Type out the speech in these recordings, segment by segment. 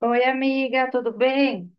Oi, amiga, tudo bem?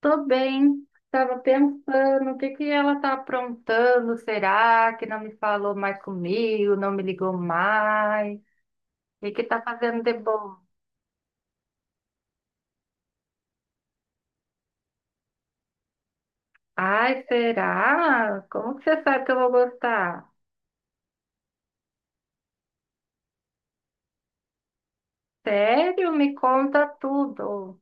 Tô bem. Tava pensando, o que ela tá aprontando? Será que não me falou mais comigo, não me ligou mais? O que tá fazendo de bom? Ai, será? Como que você sabe que eu vou gostar? Sério? Me conta tudo.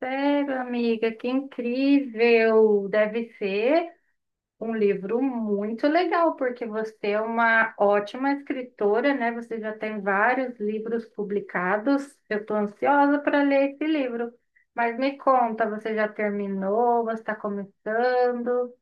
Sério, amiga, que incrível. Deve ser. Um livro muito legal, porque você é uma ótima escritora, né? Você já tem vários livros publicados. Eu estou ansiosa para ler esse livro. Mas me conta, você já terminou? Você está começando?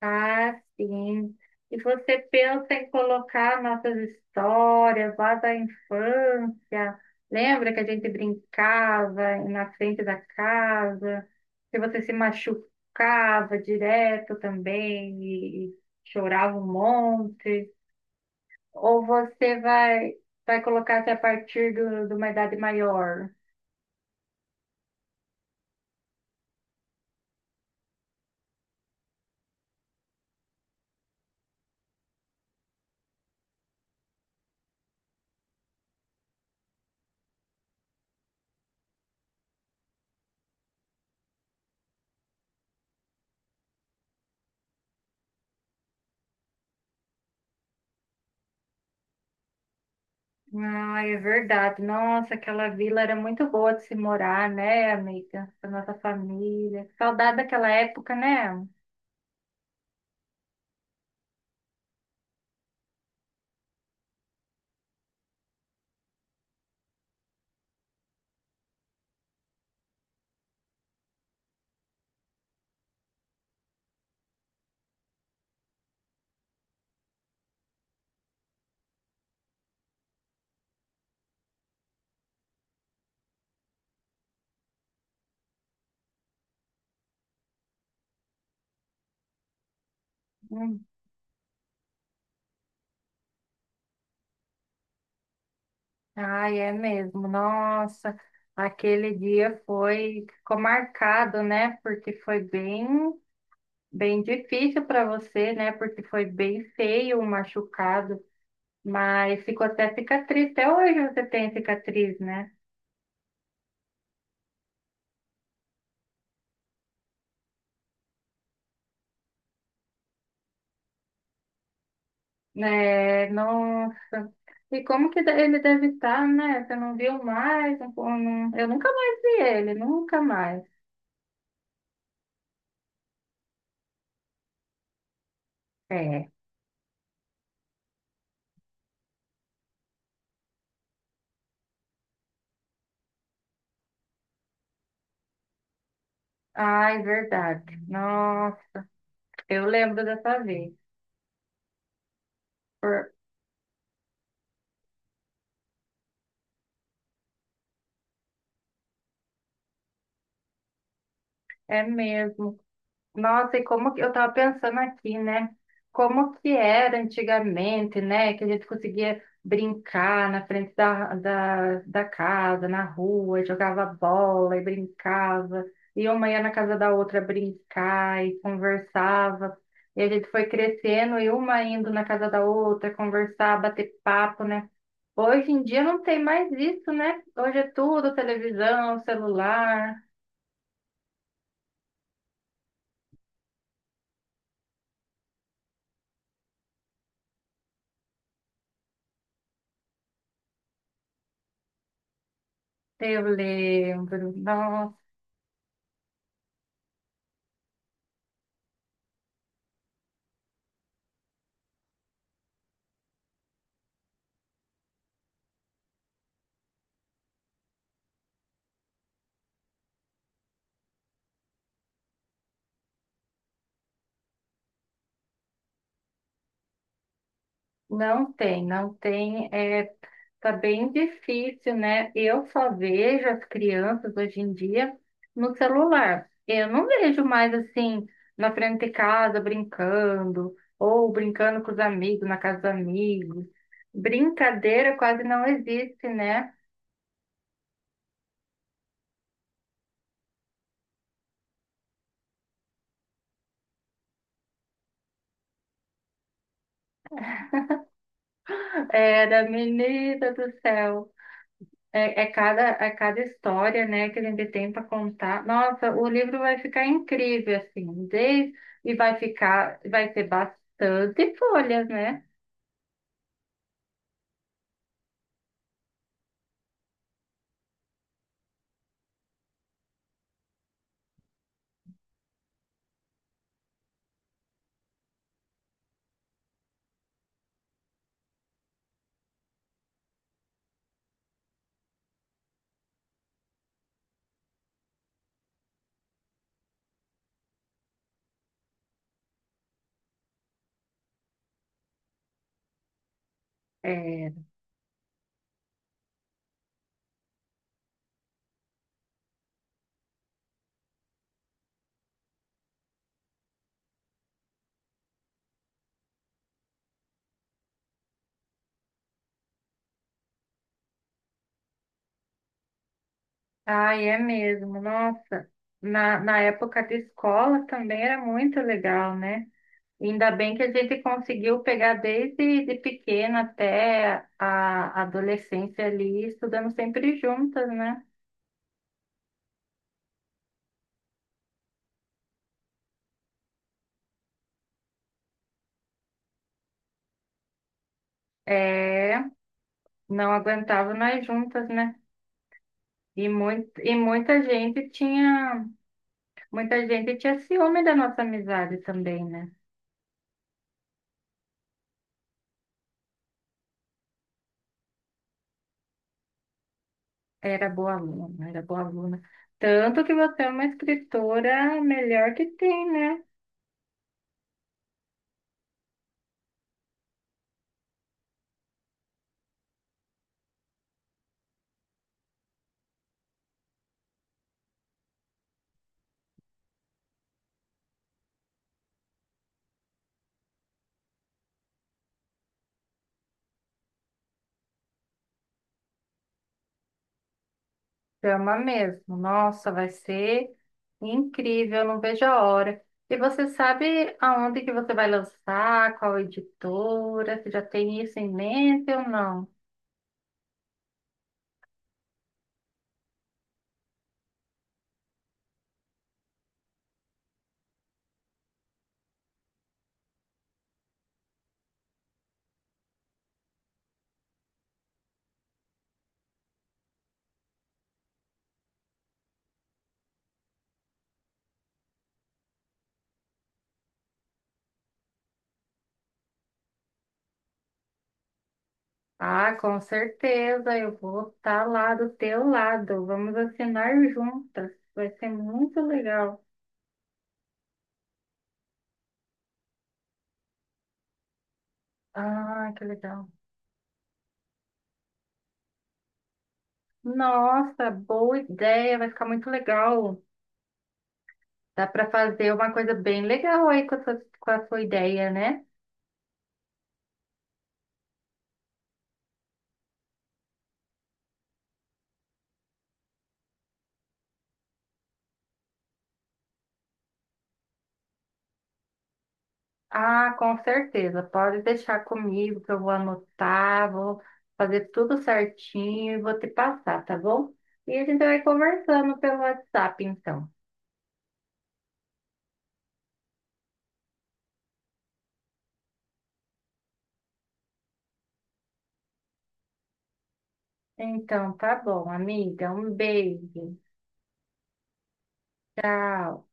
Ah, sim. E você pensa em colocar nossas histórias lá da infância. Lembra que a gente brincava na frente da casa, que você se machucava direto também e chorava um monte? Ou você vai, vai colocar até a partir de uma idade maior? Ah, é verdade. Nossa, aquela vila era muito boa de se morar, né, amiga? Com a nossa família. Saudade daquela época, né? Hum. Ai, é mesmo. Nossa, aquele dia foi, ficou marcado, né? Porque bem difícil para você, né? Porque foi bem feio o machucado, mas ficou até cicatriz. Até hoje você tem cicatriz, né? É, não. E como que ele deve estar, né? Você não viu mais? Eu nunca mais vi ele, nunca mais. É. Ai, verdade. Nossa, eu lembro dessa vez. Por- É mesmo. Nossa, e como que eu estava pensando aqui, né? Como que era antigamente, né? Que a gente conseguia brincar na frente da casa, na rua, jogava bola e brincava, e uma ia na casa da outra brincar e conversava. E a gente foi crescendo e uma indo na casa da outra conversar, bater papo, né? Hoje em dia não tem mais isso, né? Hoje é tudo televisão, celular, tele. Nossa. Não tem, não tem. É, tá bem difícil, né? Eu só vejo as crianças hoje em dia no celular. Eu não vejo mais assim na frente de casa brincando, ou brincando com os amigos, na casa dos amigos. Brincadeira quase não existe, né? Era menina do céu. É cada história, né, que a gente tem para contar. Nossa, o livro vai ficar incrível, assim, desde, e vai ficar, vai ter bastante folhas, né? É. Ai, é mesmo, nossa. Na época de escola também era muito legal, né? Ainda bem que a gente conseguiu pegar desde de pequena até a adolescência ali, estudando sempre juntas, né? É, não aguentava nós juntas, né? E, muito, muita gente tinha ciúme da nossa amizade também, né? Era boa aluna, era boa aluna. Tanto que você é uma escritora melhor que tem, né? Chama mesmo. Nossa, vai ser incrível, eu não vejo a hora. E você sabe aonde que você vai lançar, qual editora? Você já tem isso em mente ou não? Ah, com certeza, eu vou estar lá do teu lado. Vamos assinar juntas. Vai ser muito legal. Ah, que legal. Nossa, boa ideia, vai ficar muito legal. Dá para fazer uma coisa bem legal aí com a sua ideia, né? Ah, com certeza. Pode deixar comigo que eu vou anotar, vou fazer tudo certinho e vou te passar, tá bom? E a gente vai conversando pelo WhatsApp, então. Então, tá bom, amiga. Um beijo. Tchau.